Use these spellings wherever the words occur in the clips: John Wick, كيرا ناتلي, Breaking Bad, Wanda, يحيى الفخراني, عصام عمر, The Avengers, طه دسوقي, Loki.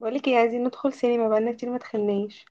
بقولك ايه؟ عايزين ندخل سينما بقالنا كتير ما دخلناش.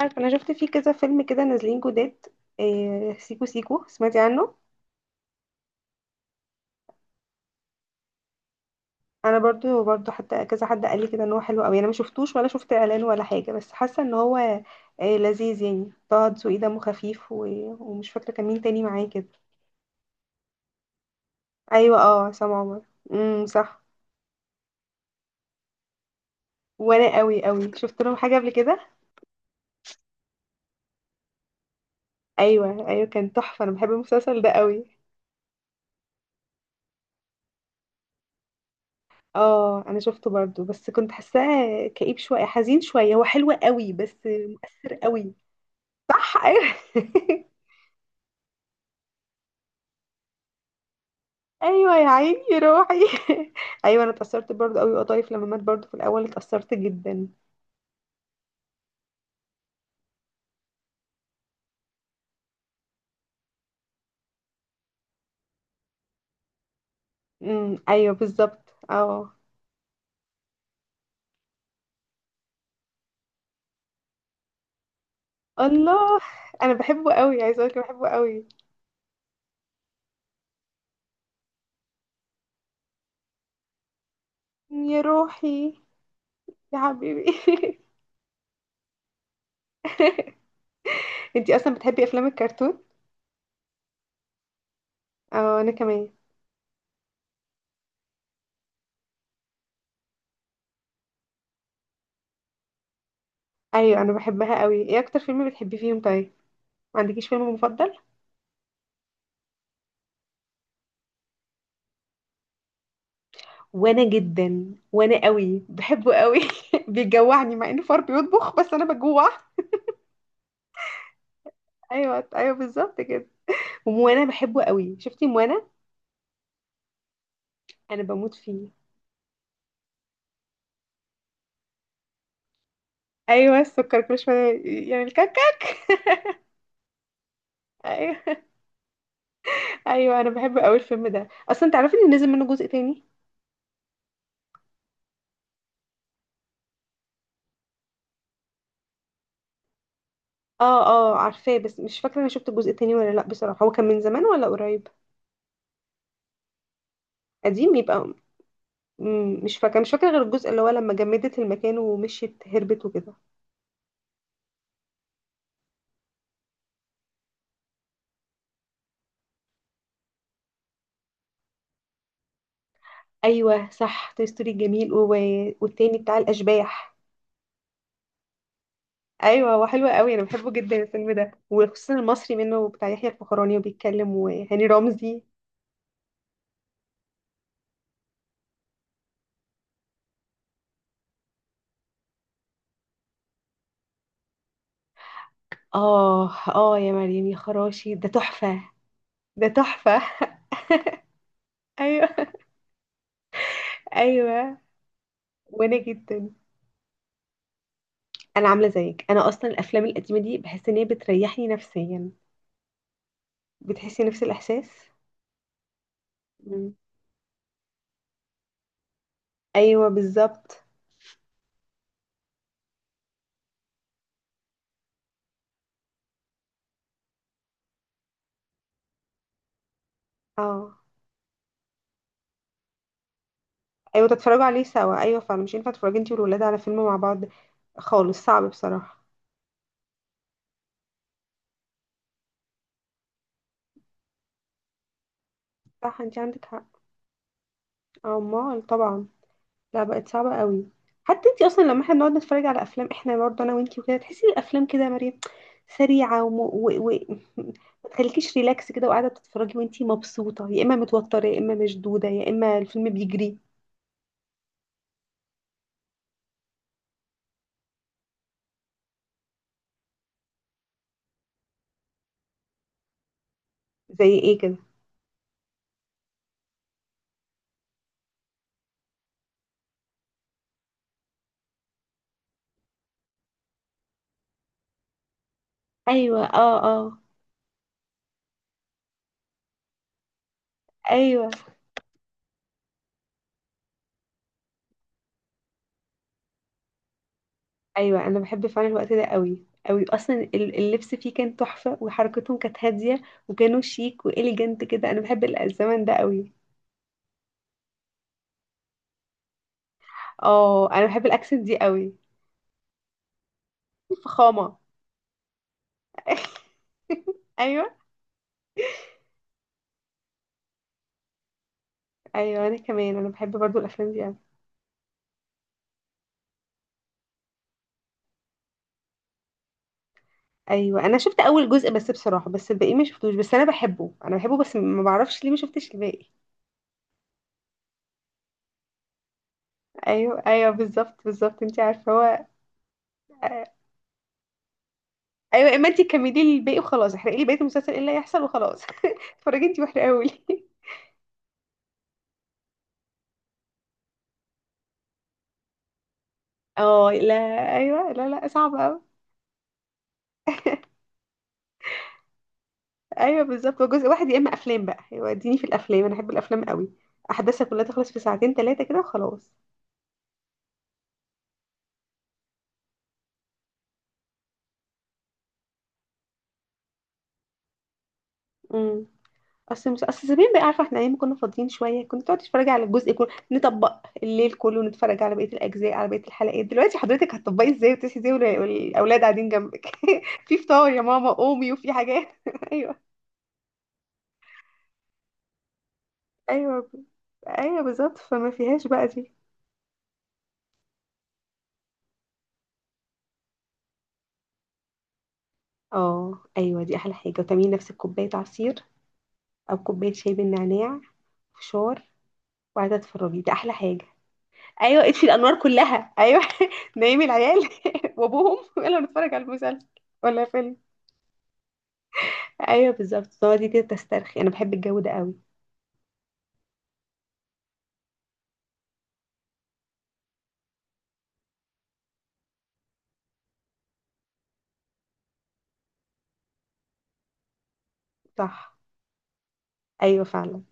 عارف، انا شفت فيه كذا فيلم كده نازلين جداد. إيه سيكو سيكو، سمعتي عنه؟ انا برضو حتى كذا حد قال لي كده ان هو حلو قوي، انا ما شفتوش ولا شفت اعلان ولا حاجه، بس حاسه ان هو إيه، لذيذ يعني. طه دسوقي دمه خفيف ومش فاكره كان مين تاني معاه كده. ايوه اه، عصام عمر. صح. وانا قوي شفت لهم حاجه قبل كده. ايوه ايوه، كان تحفه، انا بحب المسلسل ده قوي. اه انا شفته برضو، بس كنت حاساه كئيب شويه حزين شويه، هو حلو قوي بس. قوي. صح، ايوه. ايوه يا عيني يا روحي. ايوه انا اتأثرت برضو قوي، وقطايف لما مات برضو في الاول اتأثرت جدا. ايوه بالظبط، اه. الله، انا بحبه قوي، عايزه اقولك بحبه قوي. يا روحي. يا حبيبي. انتي اصلا بتحبي افلام الكرتون؟ اه انا كمان. ايوه انا بحبها قوي. ايه اكتر فيلم بتحبي فيهم طيب؟ ما عندكيش فيلم مفضل؟ وانا جدا، وانا قوي بحبه قوي. بيجوعني مع انه فار بيطبخ، بس انا بجوع. ايوه ايوه بالظبط كده. وموانا بحبه قوي، شفتي موانا؟ انا بموت فيه. ايوه السكر كل شويه. يعمل كاكا. ايوه. ايوه انا بحب قوي الفيلم ده اصلا. تعرفي ان نزل منه جزء تاني؟ اه اه، عارفاه، بس مش فاكره انا شفت الجزء التاني ولا لا بصراحه. هو كان من زمان ولا قريب؟ قديم يبقى. مش فاكره، مش فاكره غير الجزء اللي هو لما جمدت المكان ومشيت هربت وكده. ايوه صح، توي ستوري جميل والتاني بتاع الاشباح. ايوه هو حلو قوي، انا بحبه جدا الفيلم ده، وخصوصا المصري منه بتاع يحيى الفخراني وبيتكلم وهاني رمزي. اه اه يا مريم يا خراشي، ده تحفه. ده تحفه. ايوه. ايوه وانا جدا. انا عامله زيك، انا اصلا الافلام القديمه دي بحس ان هي بتريحني نفسيا. بتحسي نفس الاحساس. مم. ايوه بالظبط اه. ايوه تتفرجوا عليه سوا، ايوه فعلا مش ينفع تتفرجي انتي والولاد على فيلم مع بعض خالص، صعب بصراحه. صح، انتي عندك حق. اه، امال طبعا. لا بقت صعبه قوي. حتى انتي اصلا لما احنا بنقعد نتفرج على افلام احنا برضه انا وانتي وكده، تحسي الافلام كده يا مريم سريعه. ما تخليكيش ريلاكس كده وقاعده بتتفرجي وانتي مبسوطه، يا اما متوتره، يا اما مشدوده، يا اما الفيلم بيجري. زي ايه كده؟ ايوه اه اه. ايوه ايوه انا بحب فعلا الوقت ده قوي. قوي اصلا، اللبس فيه كان تحفه وحركتهم كانت هاديه. وكانوا شيك واليجنت كده، انا بحب الزمن ده قوي. اه انا بحب الاكسنت دي قوي. فخامه. ايوه. ايوه انا كمان، انا بحب برضو الافلام دي قوي. ايوه انا شفت اول جزء بس بصراحه، بس الباقي ما شفتوش، بس انا بحبه، انا بحبه، بس ما بعرفش ليه ما شفتش الباقي. ايوه ايوه بالظبط بالظبط، انت عارفه هو آه، ايوه. اما انت كملي لي الباقي وخلاص، احرقي لي بقيه المسلسل ايه اللي هيحصل وخلاص. اتفرجي انت واحرقي لي. اه لا. ايوه لا لا، صعب قوي. ايوه بالظبط، هو جزء واحد يا اما افلام بقى. يوديني في الافلام، انا احب الافلام قوي، احداثها كلها تخلص في ساعتين ثلاثه كده وخلاص. امم اصل مش، اصل زمان بقى عارفه احنا ايام كنا فاضيين شويه، كنت تقعد تتفرج على الجزء كله، نطبق الليل كله ونتفرج على بقيه الاجزاء على بقيه الحلقات. دلوقتي حضرتك هتطبقي ازاي وتصحي ازاي والاولاد قاعدين جنبك. في فطار يا ماما قومي وفي حاجات. ايوه. ايوه ايوه بالظبط، فما فيهاش بقى دي. اه ايوه، دي احلى حاجه، وتعملي نفسك كوبايه عصير او كوبايه شاي بالنعناع. فشار. وقاعده تتفرجي، ده احلى حاجه. ايوه، اطفي الانوار كلها، ايوه. نايم العيال وابوهم، يلا نتفرج على المسلسل. ولا فيلم. ايوه بالظبط، تقعدي كده تسترخي، انا بحب الجو ده قوي. صح. ايوه فعلا.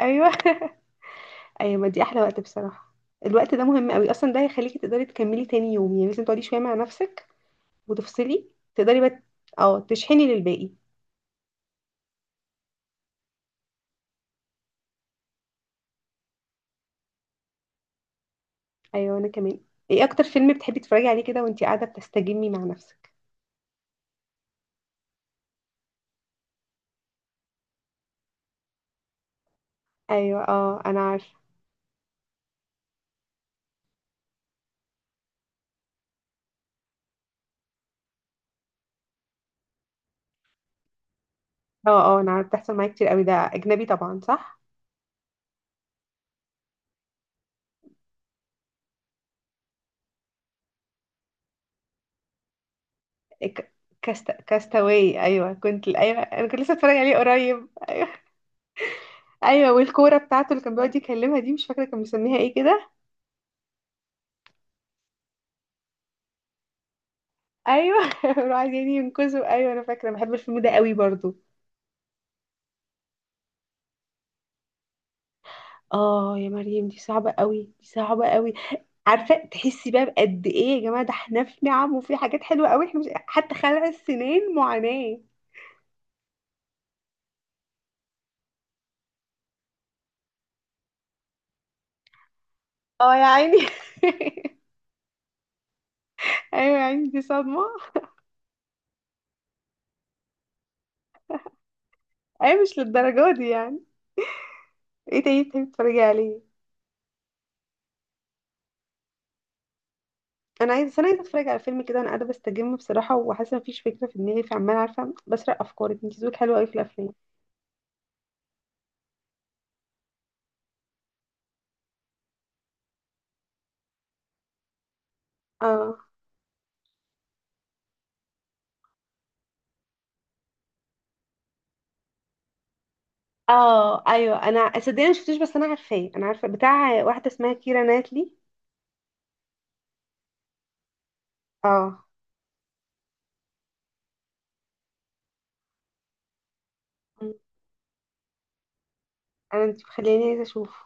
ايوه. ايوه ما دي احلى وقت بصراحه. الوقت ده مهم قوي اصلا، ده هيخليكي تقدري تكملي تاني يوم، يعني لازم تقعدي شويه مع نفسك وتفصلي. تقدري بقى اه، تشحني للباقي. ايوه انا كمان. ايه اكتر فيلم بتحبي تتفرجي عليه كده وانتي قاعده بتستجمي مع نفسك؟ ايوه اه انا عارفه. اه اه انا عارفه، بتحصل معايا كتير قوي. ده اجنبي طبعا صح؟ ك- كاست، كاستاوي، ايوه كنت، ايوه انا كنت لسه اتفرج عليه قريب. ايوه، والكوره بتاعته اللي كان بيقعد يكلمها دي، مش فاكره كان مسميها ايه كده. ايوه. راح عايزين ينقذوا. ايوه انا فاكره، بحب الفيلم ده قوي برضو. اه يا مريم دي صعبه قوي، دي صعبه قوي. عارفه تحسي بقى بقد ايه يا جماعه، ده احنا في نعم وفي حاجات حلوه قوي، احنا مش حتى خلع السنين معاناه. اه يا عيني. ايوه يا عيني، دي صدمه. اي مش للدرجة دي يعني. ايه تاني بتحبي تتفرجي عليه؟ انا عايزه، بس انا عايزه اتفرج على فيلم كده، انا قاعده بستجم بصراحه وحاسه مفيش فكره في دماغي، فعماله عارفه بسرق افكارك، انت ذوقك حلو قوي في الافلام. اه اه ايوه. انا صدقني ما شفتوش، بس انا عارفاه، انا عارفه بتاع واحده اسمها كيرا ناتلي. اه. م. انا، انت مخليني عايزه اشوفه.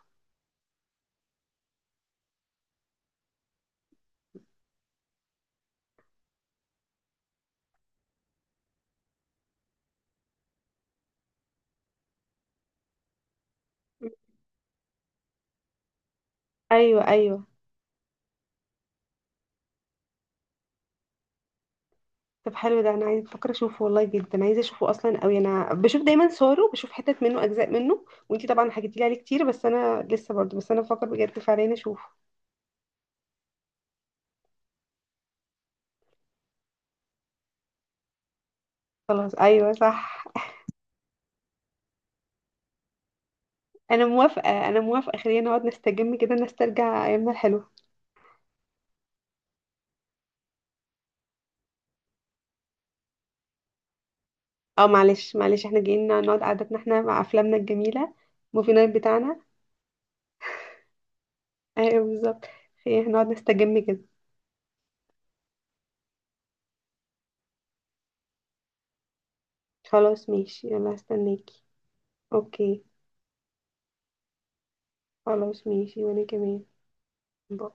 م. ايوه ايوه. طب حلو ده، انا عايزه، بفكر اشوفه والله، جدا عايزه اشوفه اصلا قوي، انا بشوف دايما صوره، بشوف حتت منه اجزاء منه، وانتي طبعا حكيتي لي عليه كتير، بس انا لسه برضه، بس انا بفكر بجد فعليا اشوفه. خلاص ايوه صح. انا موافقه، انا موافقه، خلينا نقعد نستجم كده، نسترجع ايامنا الحلوه. اه معلش معلش، احنا جايين نقعد قعدتنا احنا مع افلامنا الجميله. موفي نايت بتاعنا. ايوه بالظبط. خلينا إحنا نقعد نستجم كده. خلاص ماشي، يلا هستناكي. اوكي. خلاص ماشي، وانا كمان. باي.